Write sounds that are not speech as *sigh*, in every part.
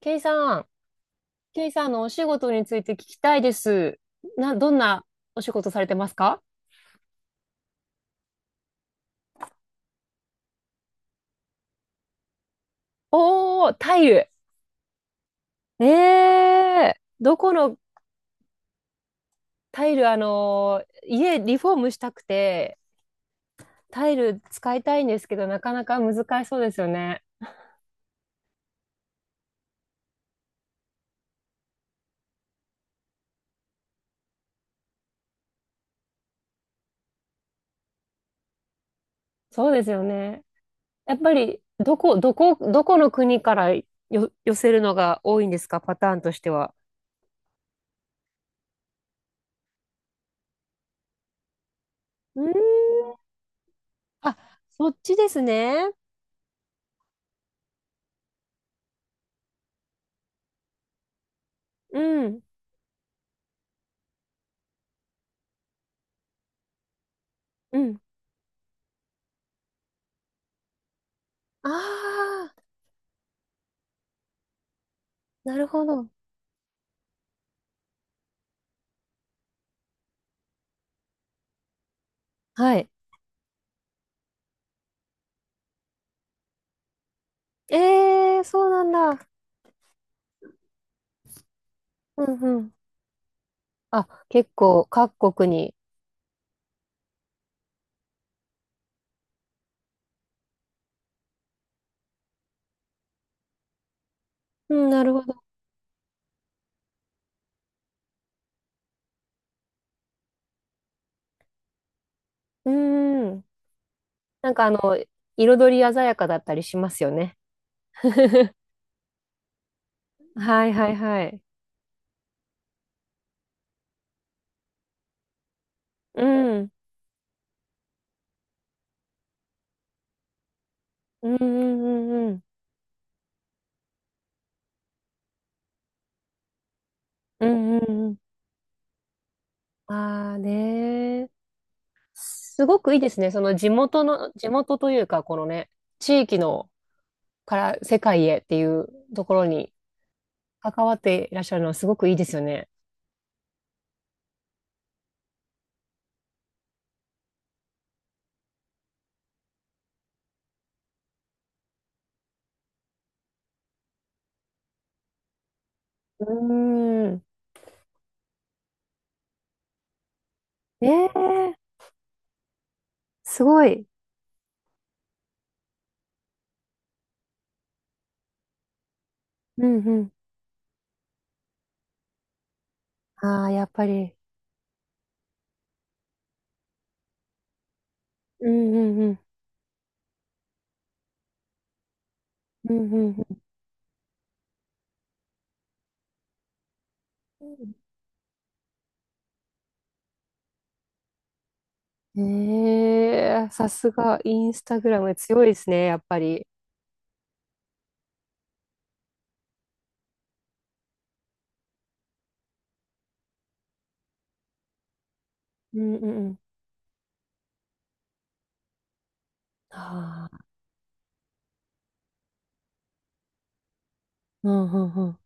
ケイさん、ケイさんのお仕事について聞きたいです。どんなお仕事されてますか？おー、タイル。ええ、どこの、タイル、家リフォームしたくて、タイル使いたいんですけど、なかなか難しそうですよね。そうですよね。やっぱり、どこの国からよ寄せるのが多いんですか、パターンとしては？うーん。あ、そっちですね。うん、うん。ああ、なるほど。はい。ええ、そうなんだ。うんうん。あ、結構各国に。うん、なるほど。うーん。なんか彩り鮮やかだったりしますよね。*laughs* はいはいはい。うん。うんうんうん、うん。うんうんうん。ああ、ねー。すごくいいですね。その地元の、地元というか、このね、地域のから世界へっていうところに関わっていらっしゃるのはすごくいいですよね。うーん。ねえ、すごい。うんうん。ああ、やっぱり。うんうんうん。うんうんうん、ええ、さすが、インスタグラム強いですね、やっぱり。うんうんうん。ああ、うんうん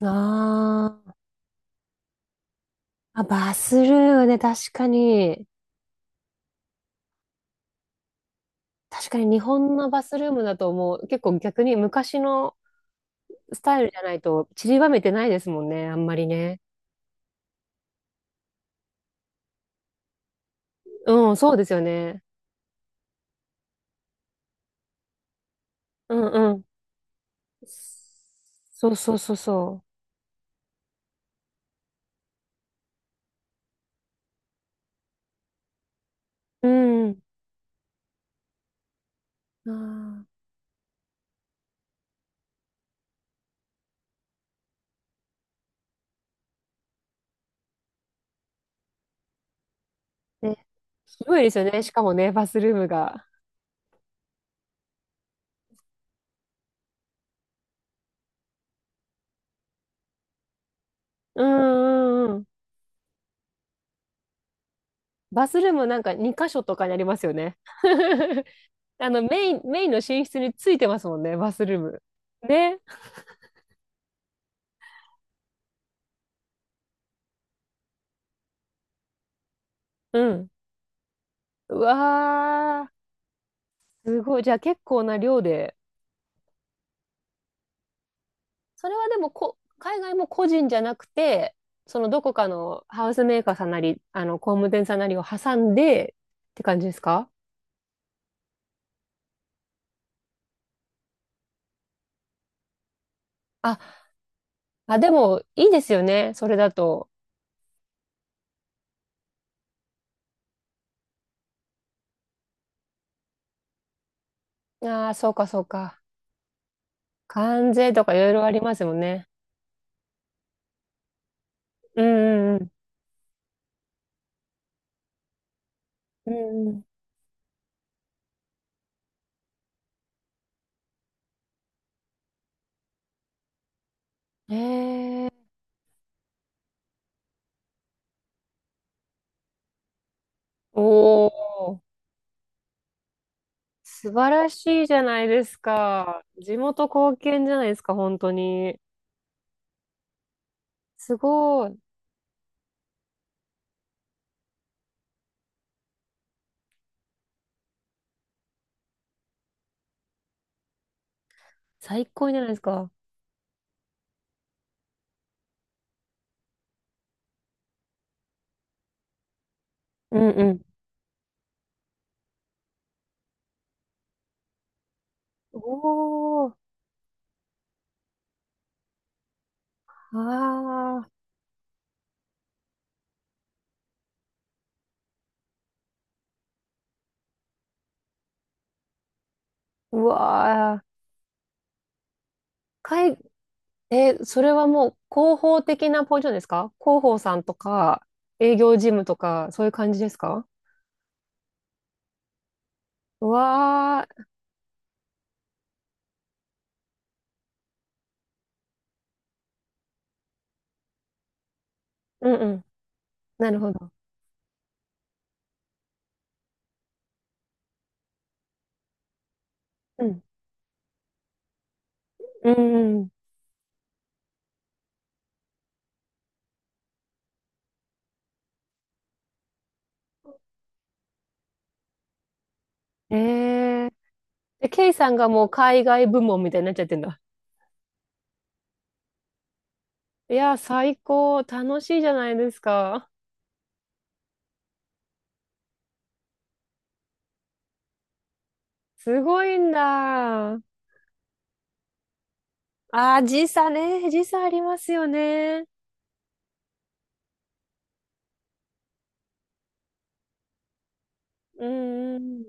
うん。あー、あ、バスルームね、確かに。確かに日本のバスルームだともう結構逆に昔のスタイルじゃないと散りばめてないですもんね、あんまりね。うん、そうですよね。うんうん。そうそうそうそう。うん。あー、ね、広いですよね。しかもね、バスルームが。うんうんうん。バスルームなんか2箇所とかにありますよね。*laughs* メインの寝室についてますもんね、バスルーム。ね。うん。うわー、すごい。じゃあ結構な量で。それはでも、こ、海外も個人じゃなくて、そのどこかのハウスメーカーさんなり、工務店さんなりを挟んでって感じですか？あ、あ、でもいいですよね、それだと。ああ、そうかそうか。関税とかいろいろありますもんね。うんうんうん。うんうん。えー、おー、素晴らしいじゃないですか。地元貢献じゃないですか、本当に。すごい。最高じゃないですか。うんうん。おー、あー、うわー。かい、えー、それはもう広報的なポジションですか？広報さんとか、営業事務とか、そういう感じですか？うわー、うんうん。なるほど。うんうんうん、ええ。で、ケイさんがもう海外部門みたいになっちゃってんだ。いやー、最高。楽しいじゃないですか。すごいんだ。ああ、時差ね。時差ありますよね。うんう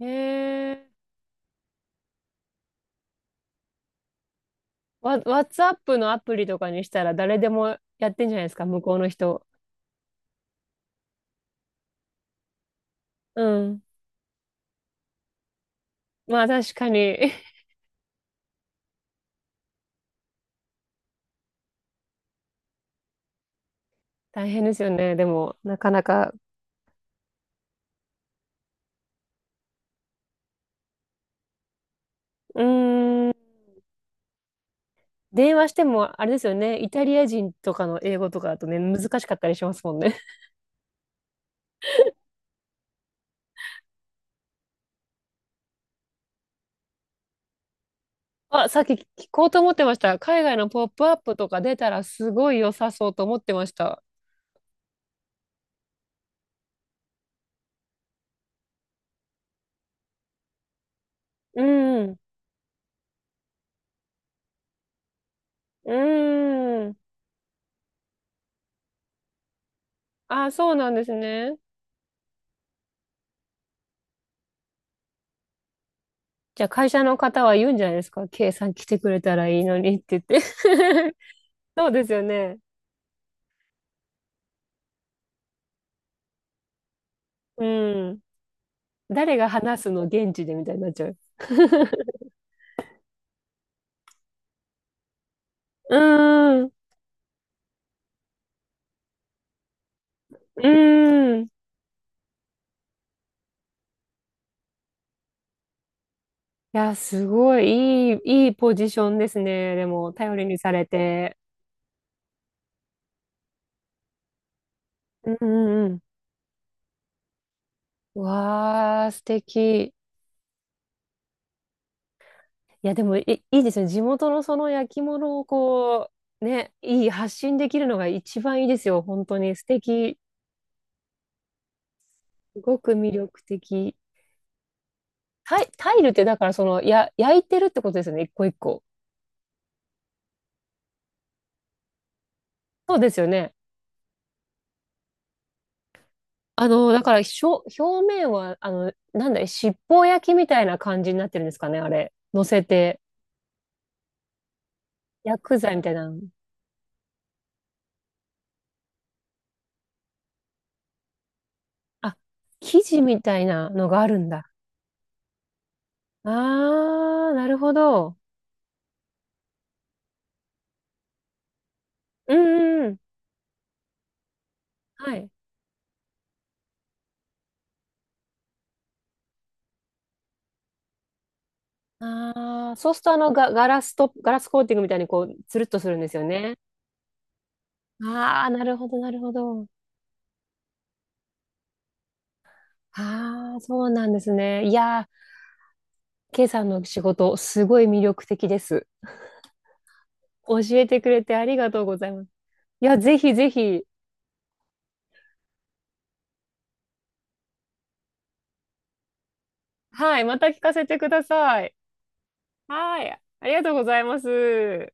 ん。へえ。わ、WhatsApp のアプリとかにしたら誰でもやってんじゃないですか、向こうの人。うん。まあ確かに。 *laughs* 大変ですよね。でも、なかなか。うーん。電話しても、あれですよね。イタリア人とかの英語とかだとね、難しかったりしますもんね。あ、さっき聞こうと思ってました。海外のポップアップとか出たらすごい良さそうと思ってました。うん。うん。あ、そうなんですね。じゃあ会社の方は言うんじゃないですか。K さん来てくれたらいいのにって言って。*laughs* そうですよね。うん。誰が話すの現地でみたいになっちゃう。*laughs* うん。うん。いや、すごいいい、いいポジションですね。でも、頼りにされて。うんうんうん。わー、素敵。いや、でも、いいですね。地元のその焼き物をこう、ね、いい発信できるのが一番いいですよ。本当に素敵。すごく魅力的。タイルってだからその、や、焼いてるってことですよね。一個一個。そうですよね。だから表面は、なんだい、七宝焼きみたいな感じになってるんですかね、あれ。乗せて、薬剤みたいなの。あ、生地みたいなのがあるんだ。あー、なるほど。うんうんうん。はい。ああ、そうするとあの、ガラスと、ガラスコーティングみたいにこう、つるっとするんですよね。ああ、なるほど、なるほど。ああ、そうなんですね。いやー、ケイさんの仕事、すごい魅力的です。教えてくれてありがとうございます。いや、ぜひぜひ、はい、また聞かせてください。はい、ありがとうございます。